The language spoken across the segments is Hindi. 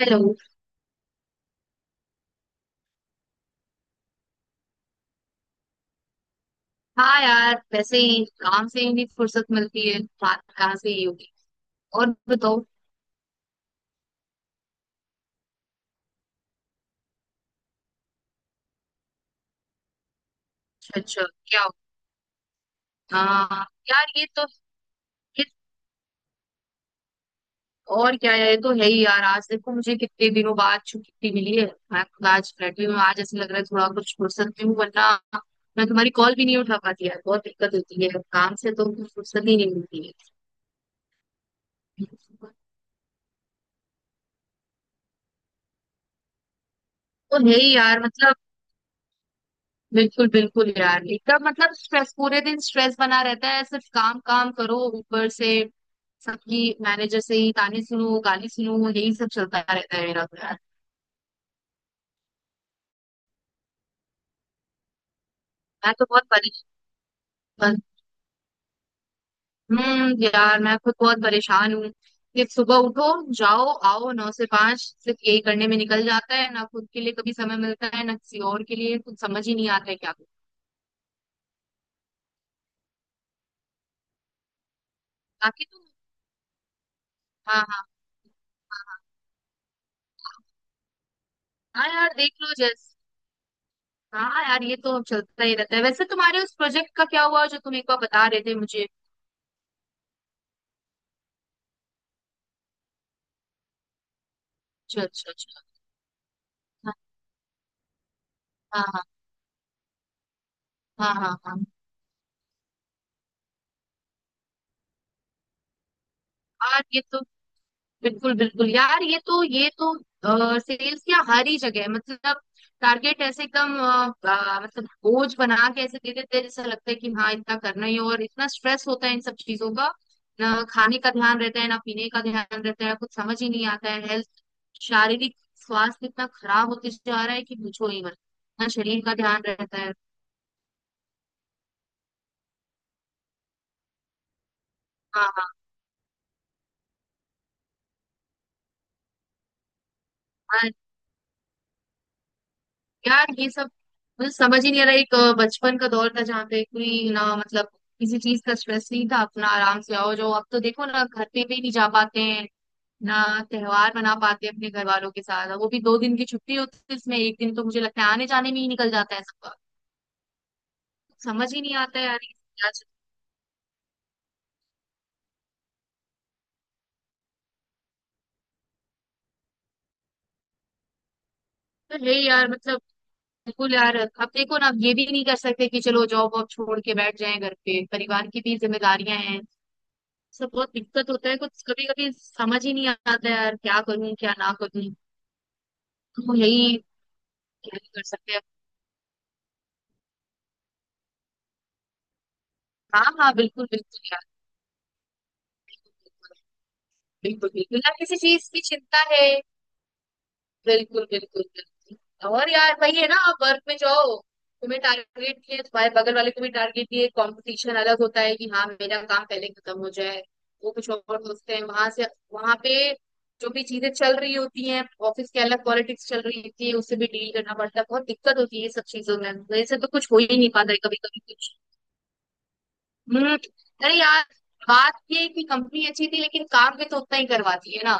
हेलो। हाँ यार, वैसे ही काम से ही भी फुर्सत मिलती है, बात कहाँ से ही होगी। और बताओ। अच्छा अच्छा। क्या हो। हाँ यार ये तो ये और क्या है, ये तो है ही यार। आज देखो, मुझे कितने दिनों बाद छुट्टी मिली है। मैं खुद आज बैठी हूँ, आज ऐसे लग रहा है थोड़ा कुछ फुर्सत में हूँ, वरना मैं तुम्हारी कॉल भी नहीं उठा पाती यार। बहुत दिक्कत होती है, काम से तो कुछ फुर्सत ही नहीं मिलती है। तो है ही यार, मतलब बिल्कुल बिल्कुल यार, एकदम मतलब स्ट्रेस, पूरे दिन स्ट्रेस बना रहता है। सिर्फ काम काम करो, ऊपर से सबकी मैनेजर से ही ताने सुनो, गाली सुनो, यही सब चलता रहता है मेरा तो यार। मैं तो बहुत परेशान। यार, मैं खुद बहुत परेशान हूँ कि सुबह उठो, जाओ आओ, नौ से पांच सिर्फ यही करने में निकल जाता है। ना खुद के लिए कभी समय मिलता है, ना किसी और के लिए। कुछ समझ ही नहीं आता है क्या करूं। बाकी तो हाँ हाँ हाँ हाँ। हाँ हाँ यार देख लो जैस हाँ यार, ये तो चलता ही रहता है। वैसे तुम्हारे उस प्रोजेक्ट का क्या हुआ जो तुम एक बार बता रहे थे मुझे। अच्छा अच्छा अच्छा। हाँ हाँ हाँ हाँ। हाँ हाँ यार ये तो बिल्कुल बिल्कुल यार, ये तो सेल्स क्या हर ही जगह है, मतलब टारगेट ऐसे एकदम मतलब बोझ बना के ऐसे दे देते हैं, जैसा लगता है कि हाँ इतना करना ही है। और इतना स्ट्रेस होता है इन सब चीजों का, ना खाने का ध्यान रहता है, ना पीने का ध्यान रहता है। कुछ समझ ही नहीं आता है। हेल्थ, शारीरिक स्वास्थ्य इतना खराब होते जा रहा है कि पूछो ही मत। ना शरीर का ध्यान रहता है। हाँ हाँ हाँ। यार ये सब मुझे समझ ही नहीं आ रहा। एक बचपन का दौर था जहाँ पे कोई ना मतलब किसी चीज का स्ट्रेस नहीं था, अपना आराम से आओ जो। अब तो देखो ना, घर पे भी नहीं जा पाते हैं, ना त्योहार मना पाते हैं अपने घर वालों के साथ। वो भी दो दिन की छुट्टी होती है, इसमें एक दिन तो मुझे लगता है आने जाने में ही निकल जाता है सबका। समझ ही नहीं आता है यार ये क्या चीज़। तो है यार, मतलब बिल्कुल यार। अब देखो ना, अब ये भी नहीं कर सकते कि चलो जॉब वॉब छोड़ के बैठ जाएं घर पे, परिवार की भी जिम्मेदारियां हैं सब। बहुत दिक्कत होता है, कुछ कभी कभी समझ ही नहीं आता यार, क्या करूं क्या ना करूं। तो यही क्या ही कर सकते हैं। हाँ हाँ बिल्कुल बिल्कुल यार। बिल्कुल बिल्कुल बिल्कुल, ना किसी चीज की चिंता है। बिल्कुल बिल्कुल बिल्कुल। और यार वही है ना, आप वर्क में जाओ, तुम्हें टारगेट किए, तुम्हारे बगल वाले को भी टारगेट दिए, कंपटीशन अलग होता है कि हाँ मेरा काम पहले खत्म हो जाए, वो कुछ और सोचते हैं। वहां से, वहां पे जो भी चीजें चल रही होती हैं ऑफिस के, अलग पॉलिटिक्स चल रही होती है, उससे भी डील करना पड़ता है। बहुत दिक्कत होती है ये सब चीजों में, वैसे तो कुछ हो ही नहीं पाता है कभी कभी कुछ। हम्म। अरे यार, बात ये है कि कंपनी अच्छी थी, लेकिन काम भी तो उतना ही करवाती है ना।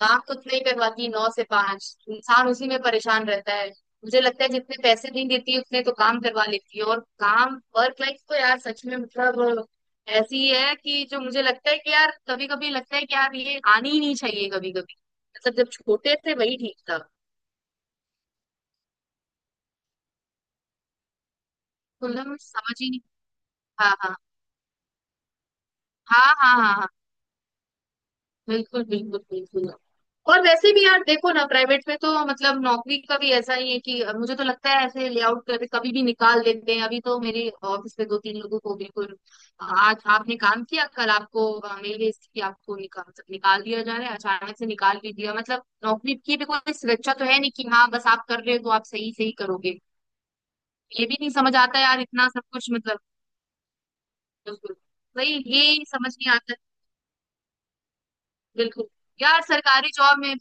काम कुछ नहीं करवाती, नौ से पांच इंसान उसी में परेशान रहता है। मुझे लगता है जितने पैसे नहीं देती, उतने तो काम करवा लेती है। और काम, वर्क लाइफ तो यार सच में मतलब ऐसी है, कि जो मुझे लगता है कि यार कभी कभी लगता है कि यार ये आनी ही नहीं चाहिए कभी कभी। मतलब जब छोटे थे वही ठीक था। तो मतलब समझ ही नहीं। हाँ हाँ हाँ हाँ। हाँ हाँ बिल्कुल बिल्कुल बिल्कुल। और वैसे भी यार देखो ना, प्राइवेट में तो मतलब नौकरी का भी ऐसा ही है कि अब मुझे तो लगता है ऐसे लेआउट करके कभी भी निकाल देते हैं। अभी तो मेरे ऑफिस में दो तीन लोगों को बिल्कुल आज आपने काम किया, कल आपको मेल भेज दी कि आपको निकाल, मतलब निकाल दिया जा रहा है, अचानक से निकाल भी दिया। मतलब नौकरी की भी कोई सुरक्षा तो है नहीं कि हाँ बस आप कर रहे हो तो आप सही सही करोगे। ये भी नहीं समझ आता यार, इतना सब कुछ मतलब बिल्कुल। वही ये समझ नहीं आता बिल्कुल। यार सरकारी जॉब में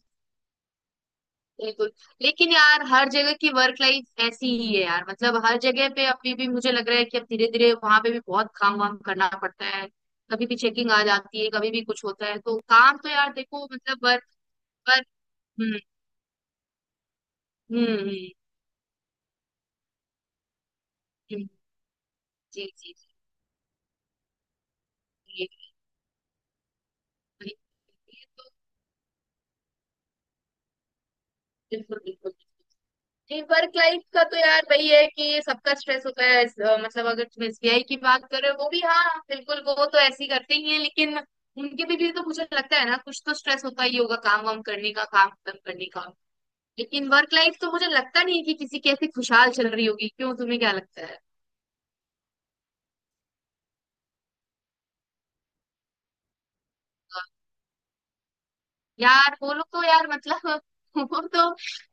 बिल्कुल, लेकिन यार हर जगह की वर्क लाइफ ऐसी ही है यार। मतलब हर जगह पे अभी भी मुझे लग रहा है कि अब धीरे धीरे वहां पे भी बहुत काम वाम करना पड़ता है। कभी भी चेकिंग आ जाती है, कभी भी कुछ होता है, तो काम तो यार देखो मतलब वर्क वर्क। हम्म। हम्म। हम्म, जी जी जी। ये- ये तो बिल्कुल बिल्कुल। जी, वर्क लाइफ का तो यार वही है कि सबका स्ट्रेस होता है। मतलब अगर तुम एसबीआई की बात कर रहे हो, वो भी, हाँ बिल्कुल, वो तो ऐसे ही करते ही हैं, लेकिन उनके भी तो मुझे लगता है ना कुछ तो स्ट्रेस होता ही होगा काम वाम करने का, काम खत्म करने का। लेकिन वर्क लाइफ तो मुझे लगता नहीं कि किसी की ऐसी खुशहाल चल रही होगी। क्यों, तुम्हें क्या लगता है। यार वो लोग तो यार मतलब वो तो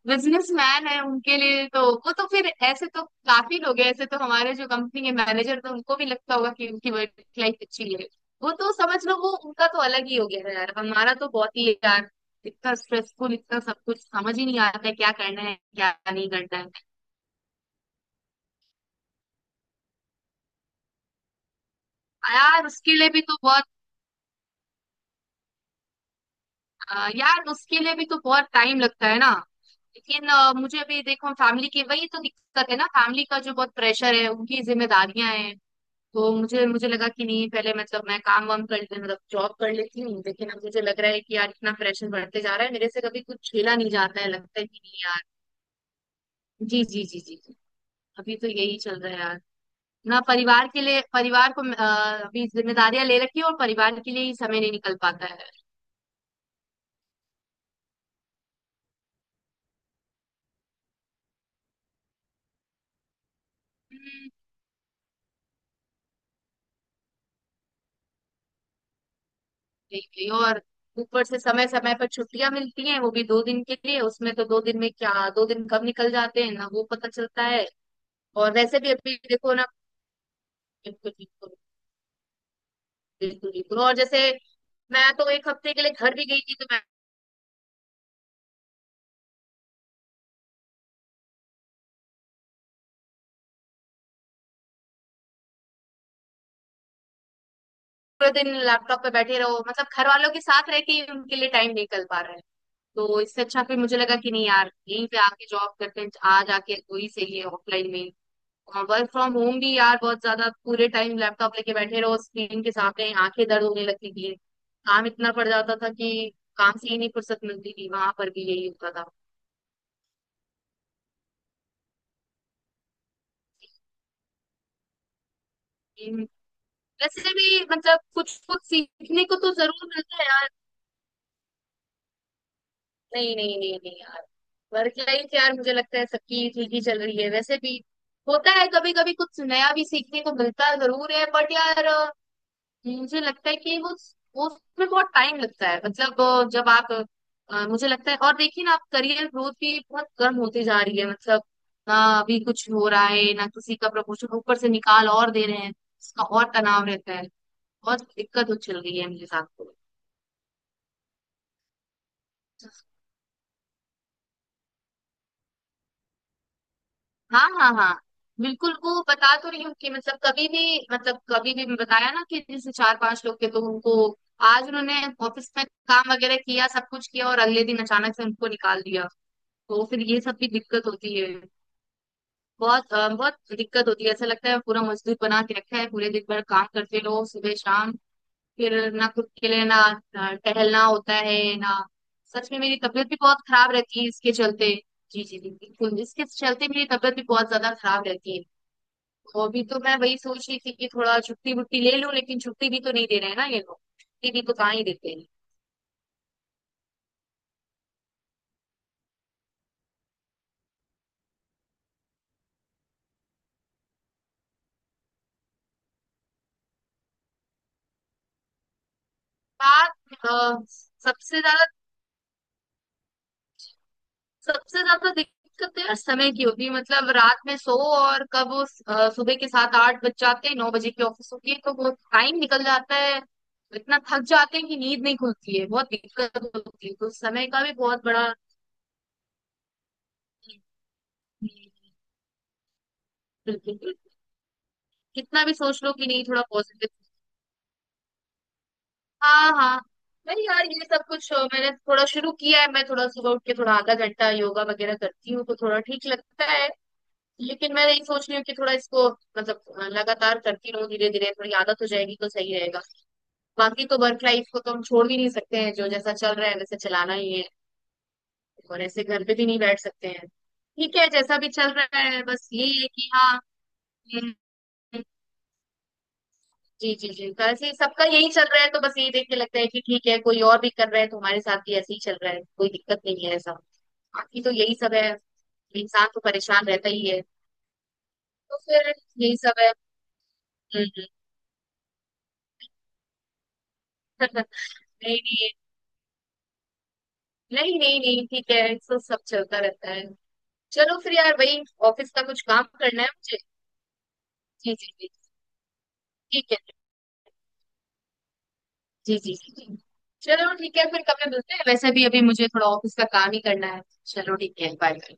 बिजनेसमैन है, उनके लिए तो वो तो फिर ऐसे तो। काफी लोग हैं ऐसे, तो हमारे जो कंपनी के मैनेजर, तो उनको भी लगता होगा कि उनकी वर्क लाइफ अच्छी है। वो तो समझ लो वो उनका तो अलग ही हो गया है यार, हमारा तो बहुत ही यार इतना स्ट्रेसफुल। इतना सब कुछ समझ ही नहीं आता है क्या करना है, क्या नहीं करना है। यार उसके लिए भी तो बहुत यार उसके लिए भी तो बहुत टाइम लगता है ना। लेकिन मुझे अभी देखो फैमिली की वही तो दिक्कत है ना, फैमिली का जो बहुत प्रेशर है, उनकी जिम्मेदारियां हैं। तो मुझे मुझे लगा कि नहीं पहले, मतलब मैं काम वाम कर ले, मतलब जॉब कर लेती हूँ, लेकिन अब मुझे लग रहा है कि यार इतना प्रेशर बढ़ते जा रहा है मेरे से कभी कुछ झेला नहीं जाता है, लगता है कि नहीं यार। जी जी जी जी जी, अभी तो यही चल रहा है यार। ना परिवार के लिए, परिवार को अभी जिम्मेदारियां ले रखी है, और परिवार के लिए ही समय नहीं निकल पाता है। यही यही। और ऊपर से समय समय पर छुट्टियां मिलती हैं वो भी दो दिन के लिए, उसमें तो दो दिन में क्या, दो दिन कब निकल जाते हैं ना वो पता चलता है। और वैसे भी अभी देखो ना, बिल्कुल बिल्कुल। बिल्कुल बिल्कुल और जैसे, मैं तो एक हफ्ते के लिए घर भी गई थी, तो मैं पूरे दिन लैपटॉप पे बैठे रहो, मतलब घर वालों के साथ रह के ही उनके लिए टाइम निकल पा रहा है। तो इससे अच्छा फिर मुझे लगा कि नहीं यार, यहीं पे आके जॉब करते हैं, आ जाके वही सही है ऑफलाइन में। वर्क फ्रॉम होम भी यार बहुत ज्यादा, पूरे टाइम लैपटॉप लेके बैठे रहो, स्क्रीन के सामने आंखें दर्द होने लगती थी, काम इतना पड़ जाता था कि काम से ही नहीं फुर्सत मिलती थी, वहां पर भी यही होता था। हम्म। वैसे भी मतलब कुछ कुछ सीखने को तो जरूर मिलता है यार। नहीं नहीं नहीं नहीं यार, वर्क लाइफ यार मुझे लगता है सबकी ठीक ही चल रही है वैसे भी। होता है कभी कभी कुछ नया भी सीखने को मिलता जरूर है, बट यार मुझे लगता है कि वो उसमें बहुत टाइम लगता है, मतलब जब आप मुझे लगता है। और देखिए ना, आप करियर ग्रोथ भी बहुत कम होती जा रही है, मतलब ना अभी कुछ हो रहा है, ना किसी का प्रमोशन, ऊपर से निकाल और दे रहे हैं, उसका और तनाव रहता है। बहुत दिक्कत हो चल रही है मेरे साथ तो। हाँ हाँ हाँ बिल्कुल, वो बता तो रही हूँ कि मतलब कभी भी, मतलब कभी भी बताया ना कि जैसे चार पांच लोग थे, तो उनको आज उन्होंने ऑफिस में काम वगैरह किया, सब कुछ किया, और अगले दिन अचानक से उनको निकाल दिया। तो फिर ये सब भी दिक्कत होती है। बहुत बहुत दिक्कत होती है। ऐसा लगता है पूरा मजदूर बना के रखा है, पूरे दिन भर काम करते रहो सुबह शाम। फिर ना खुद के लिए, ना टहलना होता है ना। सच में मेरी तबीयत भी बहुत खराब रहती है इसके चलते। जी जी जी बिल्कुल, इसके चलते मेरी तबीयत भी बहुत ज्यादा खराब रहती है। तो अभी तो मैं वही सोच रही थी कि थोड़ा छुट्टी वुट्टी ले लूं, लेकिन छुट्टी भी तो नहीं दे रहे हैं ना ये लोग, छुट्टी भी तो कहाँ ही देते हैं। बात अ, सबसे ज्यादा, सबसे ज्यादा दिक्कत तो यार समय की होती है, मतलब रात में सो, और कब वो सुबह के सात आठ बज जाते हैं, नौ बजे की ऑफिस होती है, तो वो टाइम निकल जाता है। इतना थक जाते हैं कि नींद नहीं खुलती है। बहुत दिक्कत होती है, तो समय का भी बहुत बड़ा। बिल्कुल बिल्कुल, कितना भी सोच लो कि नहीं थोड़ा पॉजिटिव। हाँ हाँ, नहीं यार ये सब कुछ मैंने थोड़ा शुरू किया है, मैं थोड़ा सुबह उठ के थोड़ा आधा घंटा योगा वगैरह करती हूँ, तो थोड़ा ठीक लगता है। लेकिन मैं यही सोच रही हूँ कि थोड़ा इसको मतलब लगातार करती रहूँ, धीरे धीरे थोड़ी आदत हो जाएगी तो सही रहेगा। बाकी तो वर्क लाइफ को तो हम छोड़ भी नहीं सकते हैं, जो जैसा चल रहा है वैसे चलाना ही है। और ऐसे घर पे भी नहीं बैठ सकते हैं, ठीक है जैसा भी चल रहा है, बस यही है कि हाँ। हम्म, जी जी जी। वैसे सबका यही चल रहा है, तो बस यही देख के लगता है कि ठीक है, कोई और भी कर रहा है तो हमारे साथ भी ऐसे ही चल रहा है, कोई दिक्कत नहीं है ऐसा। बाकी तो यही सब है, इंसान तो परेशान रहता ही है। तो फिर यही सब है। हम्म, हम्म। नहीं नहीं। नहीं नहीं नहीं, ठीक है तो सब चलता रहता है। चलो फिर यार वही, ऑफिस का कुछ काम करना है मुझे। जी जी जी, ठीक है। जी जी जी जी। चलो ठीक है, फिर कभी मिलते हैं, वैसे भी अभी मुझे थोड़ा ऑफिस का काम ही करना है। चलो ठीक है, बाय।